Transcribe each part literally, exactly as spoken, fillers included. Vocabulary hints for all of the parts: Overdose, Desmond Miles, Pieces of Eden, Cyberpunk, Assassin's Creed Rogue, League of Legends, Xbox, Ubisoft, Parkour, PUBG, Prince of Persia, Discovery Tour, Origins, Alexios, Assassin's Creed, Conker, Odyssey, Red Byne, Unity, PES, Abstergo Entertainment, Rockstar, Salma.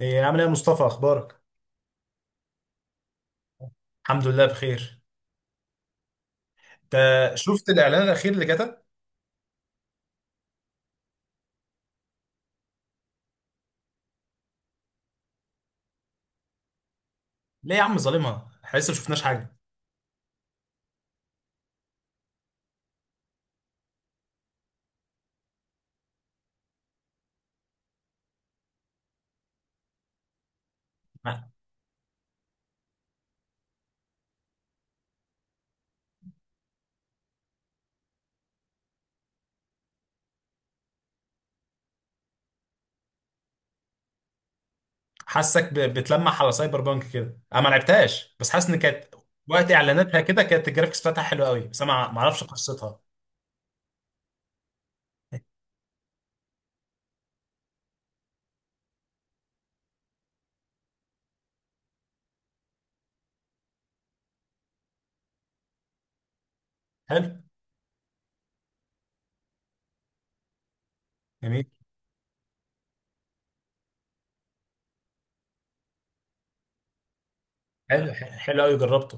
ايه، عامل ايه يا مصطفى؟ اخبارك؟ الحمد لله بخير. انت؟ شفت الاعلان الاخير اللي جت؟ ليه يا عم ظالمها، احنا لسه ما شفناش حاجه. ما- حاسك ب- بتلمح على سايبر بانك كده، انا ما لعبتهاش بس حاسس ان كانت وقت اعلاناتها كده كانت الجرافيكس بتاعتها حلوه قوي، بس انا ما اعرفش قصتها. حلو. جميل. حلو ح- حلو قوي، جربته؟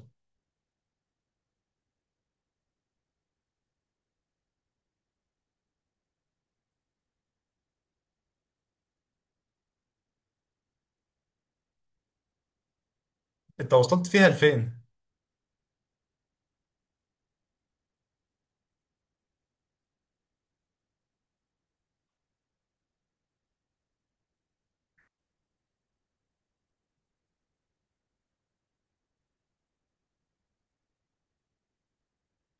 انت وصلت فيها لفين؟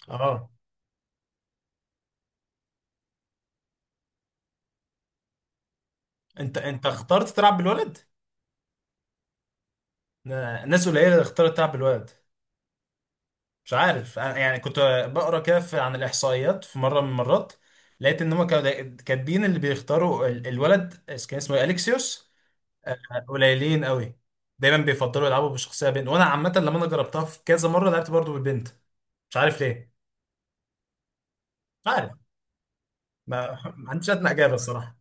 اه. انت انت اخترت تلعب بالولد؟ ن- ناس قليله اللي اختارت تلعب بالولد. مش عارف أنا- يعني كنت بقرا كده في- عن الاحصائيات في مره من المرات، لقيت ان هم كانوا كاتبين اللي بيختاروا ال- الولد، اس- كان اسمه إيه؟ اليكسيوس. قليلين قوي. دايما بيفضلوا يلعبوا بشخصيه بنت، وانا عامه لما انا جربتها في كذا مره لعبت برضو بالبنت. مش عارف ليه. مش عارف. ما, ما عنديش ادنى اجابه الصراحه.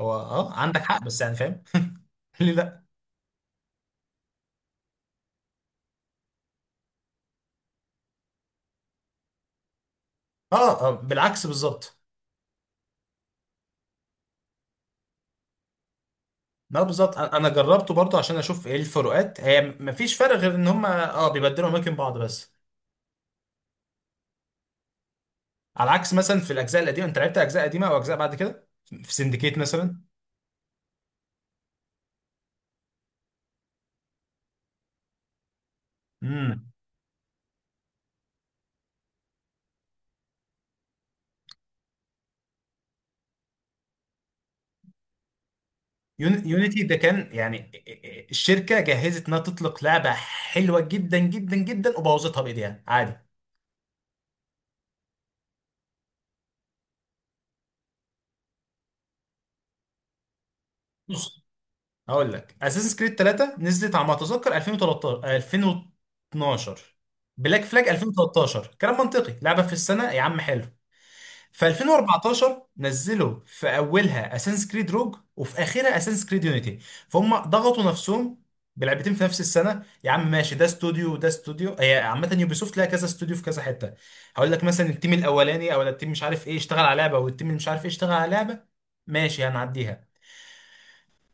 هو اه عندك حق، بس يعني فاهم. ليه لا؟ اه، آه، بالعكس بالظبط. لا بالظبط، انا أنا جربته برضو عشان اشوف ايه الفروقات، هي مفيش فرق غير ان هم اه بيبدلوا اماكن بعض بس. على عكس مثلا في الاجزاء القديمه. انت لعبت اجزاء قديمه او اجزاء بعد كده؟ في سندكيت مثلا؟ امم. يونيتي ده كان يعني الشركه جهزت انها تطلق لعبه حلوه جدا جدا جدا، وبوظتها بايديها عادي. بص، هقول لك، اساسن كريد ثلاثه نزلت على ما اتذكر ألفين وثلاثة عشر، ألفين واتناشر. بلاك فلاج ألفين وتلتاشر، كلام منطقي، لعبه في السنه يا عم، حلو. في ألفين واربعتاشر نزلوا في اولها اساسنس كريد روج وفي اخرها اساسنس كريد يونيتي، فهم ضغطوا نفسهم. بلعبتين في نفس السنه يا عم؟ ماشي، ده استوديو وده استوديو، هي عامه يوبيسوفت لها كذا استوديو في كذا حته. هقول لك مثلا التيم الاولاني او التيم مش عارف ايه اشتغل على لعبه، والتيم اللي مش عارف ايه اشتغل على لعبه، ماشي، هنعديها.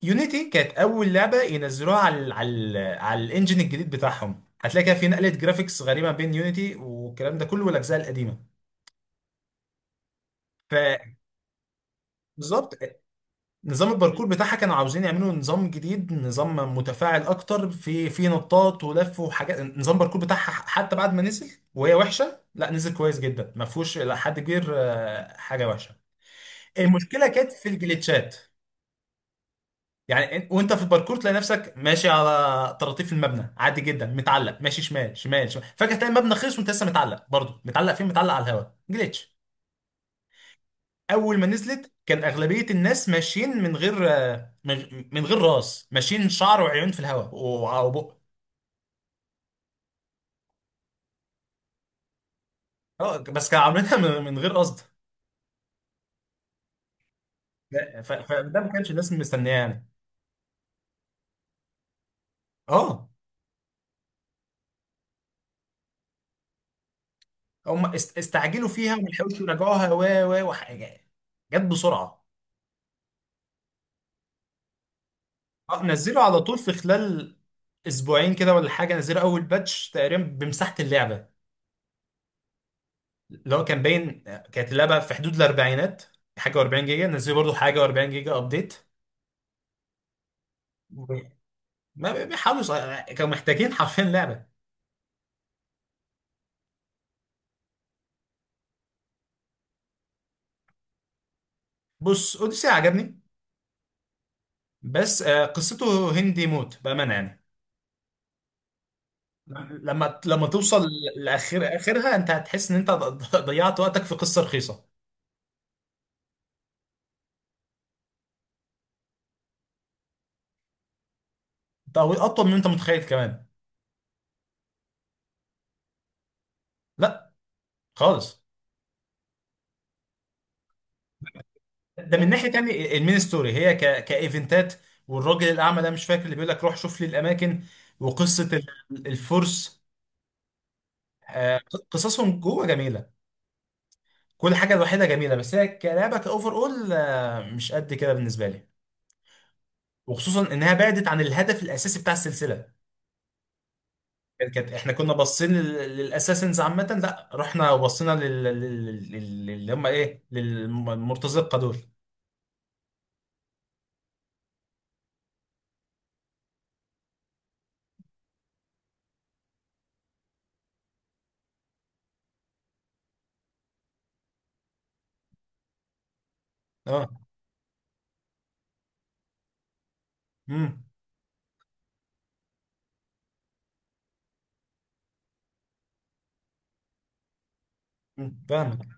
يونيتي كانت اول لعبه ينزلوها على ال على ال على الانجن الجديد بتاعهم، هتلاقي كده في نقله جرافيكس غريبه بين يونيتي والكلام ده كله والاجزاء القديمه. ف بالظبط، نظام الباركور بتاعها كانوا عاوزين يعملوا نظام جديد، نظام متفاعل اكتر في في نطاط ولف وحاجات. نظام الباركور بتاعها حتى بعد ما نزل وهي وحشه، لا نزل كويس جدا، ما فيهوش الى حد كبير آه، حاجه وحشه. المشكله كانت في الجليتشات. يعني إن- وانت في الباركور تلاقي نفسك ماشي على طراطيف المبنى عادي جدا، متعلق ماشي شمال شمال شمال، فجاه تلاقي المبنى خلص وانت لسه متعلق، برضه متعلق فين؟ متعلق على الهواء. جليتش. اول ما نزلت كان اغلبيه الناس ماشيين من غير آه، من من غير راس، ماشيين شعر وعيون في الهواء وع- وبق. اه بس كانوا عاملينها من من غير قصد. ف- ف- فده ما كانش الناس مستنياه يعني. اه، هم است- استعجلوا فيها وما لحقوش يراجعوها و و وحاجه، جت بسرعه. اه، نزلوا على طول في خلال اسبوعين كده ولا حاجه، نزلوا اول باتش تقريبا بمساحه اللعبه. اللي هو كان باين، كانت اللعبه في حدود الاربعينات، حاجه و40 جيجا، نزلوا برضو حاجه و40 جيجا ابديت. ما بي- بيحاولوا يص- كانوا محتاجين حرفيا لعبه. بص، اوديسي عجبني بس آه، قصته هندي موت بامانه يعني. لما لما توصل لاخر اخرها، انت هتحس ان انت ض- ضيعت وقتك في قصه رخيصه. او اطول من انت متخيل كمان. لا، خالص. ده من ناحيه تاني، المين ستوري هي ك... كايفنتات، والراجل الاعمى ده مش فاكر، اللي بيقول لك روح شوف لي الاماكن، وقصه ال- الفرس، آه، قصصهم جوه جميله. كل حاجه، الوحيده جميله، بس هي كلعبه كاوفر اول مش قد كده بالنسبه لي. وخصوصا انها بعدت عن الهدف الاساسي بتاع السلسله. كانت كانت- احنا كنا باصين لل- للاساسنز عامه، لا، رحنا وبصينا لل- لل- لل- اللي هم ايه، للمرتزقه دول. اه. امم. أمم، فاهمك.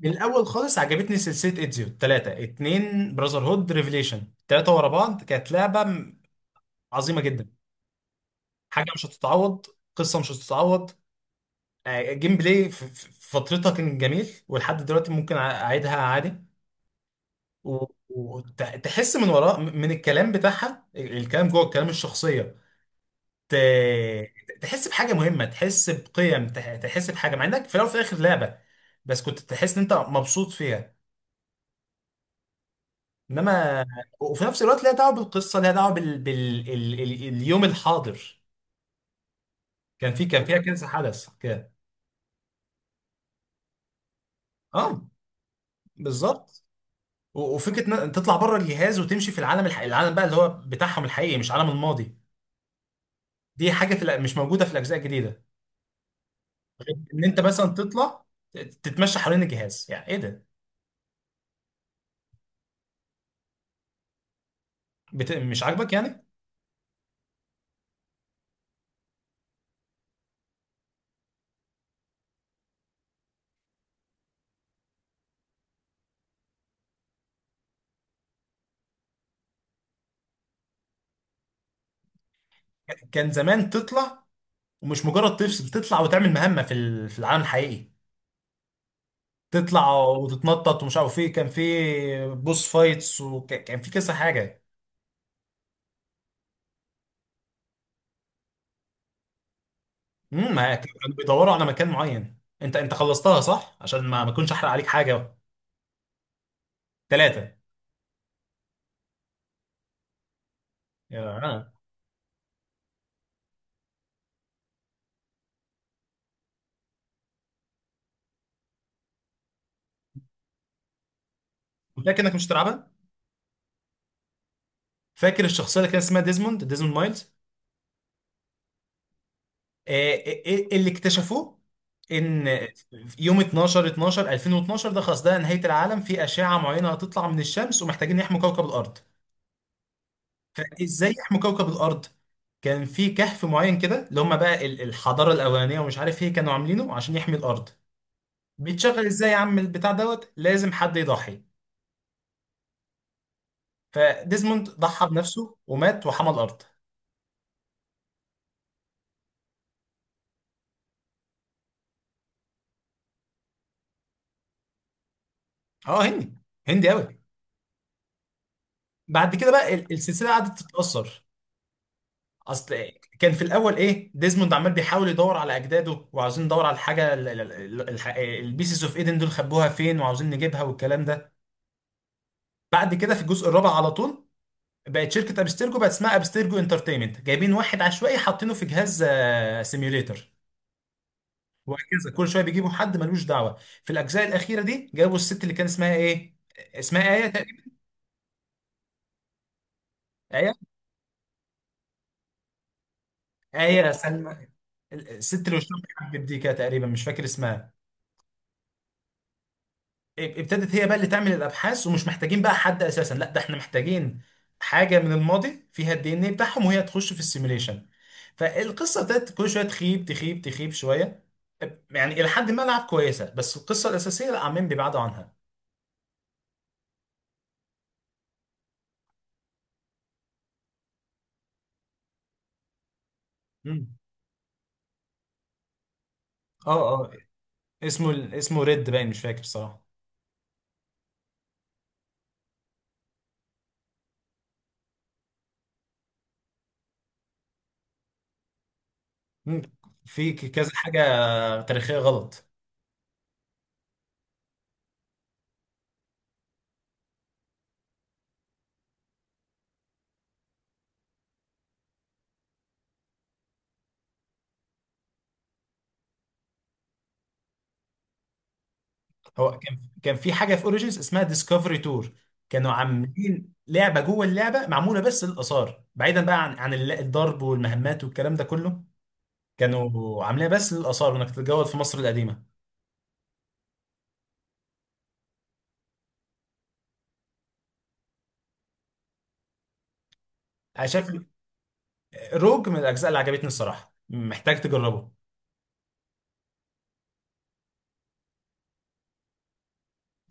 من الاول خالص عجبتني سلسله ايدزيو، ثلاثه، اتنين، براذر هود، ريفليشن، ثلاثه ورا بعض كانت لعبه م- عظيمه جدا. حاجه مش هتتعوض. قصه مش هتتعوض. آه، جيم بلاي في في- في فترتها كان جميل، ولحد دلوقتي ممكن أع- اعيدها عادي. وتحس من وراء، من الكلام بتاعها، الكلام جوه، الكلام الشخصيه، ت- تحس بحاجه مهمه، تحس بقيم، تح- تحس بحاجه مع انك في الاول وفي الاخر لعبه، بس كنت تحس ان انت مبسوط فيها. انما. وفي نفس الوقت ليها دعوه بالقصه، ليها دعوه بال... بال... ال... ال... اليوم الحاضر. كان في كان فيها كذا حدث كده. اه، بالظبط. و- وفكره ان تطلع بره الجهاز وتمشي في العالم، الح... العالم بقى اللي هو بتاعهم الحقيقي، مش عالم الماضي. دي حاجه في... الأ- مش موجوده في الاجزاء الجديده. ان انت مثلا تطلع تتمشى حوالين الجهاز، يعني ايه ده. بت... مش عاجبك يعني. كان زمان تطلع، ومش مجرد تفصل، تطلع وتعمل مهمة في ال- في العالم الحقيقي، تطلع وتتنطط، ومش عارف ايه، كان في بوس فايتس وكان في كذا حاجة. امم ما ك- كانوا بيدوروا على مكان معين. انت انت خلصتها صح؟ عشان ما ما اكونش احرق عليك حاجة. ثلاثة. يا آه. فاكر انك مش هتلعبها. فاكر الشخصية اللي كان اسمها ديزموند ديزموند مايلز. آه، آه، آه، اللي اكتشفوه ان مم. يوم اتناشر اتناشر ألفين واتناشر، ده خلاص، ده نهاية العالم، في أشعة معينة هتطلع من الشمس ومحتاجين يحموا كوكب الأرض. فازاي يحموا كوكب الأرض؟ كان في كهف معين كده، اللي هم بقى ال- الحضارة الأولانية، ومش عارف ايه كانوا عاملينه عشان يحمي الأرض. بيتشغل ازاي يا عم البتاع دوت؟ لازم حد يضحي. فديزموند ضحى بنفسه ومات وحمى الأرض. اه، هندي. هندي قوي. بعد كده بقى ال- السلسلة قعدت تتأثر. اصل كان في الاول ايه، ديزموند عمال بيحاول يدور على اجداده وعاوزين ندور على الحاجه، البيسز اوف ايدن دول خبوها فين وعاوزين نجيبها والكلام ده. بعد كده في الجزء الرابع على طول بقت شركه ابسترجو، بقت اسمها ابسترجو انترتينمنت، جايبين واحد عشوائي حاطينه في جهاز سيميوليتر. وهكذا كل شويه بيجيبوا حد ملوش دعوه. في الاجزاء الاخيره دي جابوا الست اللي كان اسمها ايه، اسمها ايه تقريبا، ايه ايه سلمى، الست اللي وشها محبب دي كده تقريبا، مش فاكر اسمها. ابتدت هي بقى اللي تعمل الابحاث، ومش محتاجين بقى حد اساسا، لا ده احنا محتاجين حاجه من الماضي فيها الدي ان ايه بتاعهم وهي تخش في السيميوليشن. فالقصه ابتدت كل شويه تخيب، تخيب، تخيب شويه. يعني الى حد ما لعب كويسه، بس القصه الاساسيه لا، عمالين بيبعدوا عنها. مم. اه اه اسمه اسمه ريد باين، مش فاكر بصراحه. مم. في ك- كذا حاجه تاريخيه غلط. هو كان كان في حاجه في اوريجينز اسمها ديسكفري تور. كانوا عاملين لعبه جوه اللعبه، معموله بس للاثار بعيدا بقى عن عن الل- الضرب والمهمات والكلام ده كله. كانوا عاملينها بس للاثار، وانك تتجول في مصر القديمه. انا شايف روج من الاجزاء اللي عجبتني الصراحه، محتاج تجربه.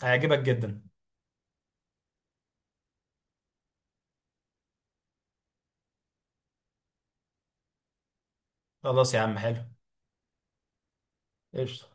هيعجبك جدا. خلاص يا عم، حلو. قشطه.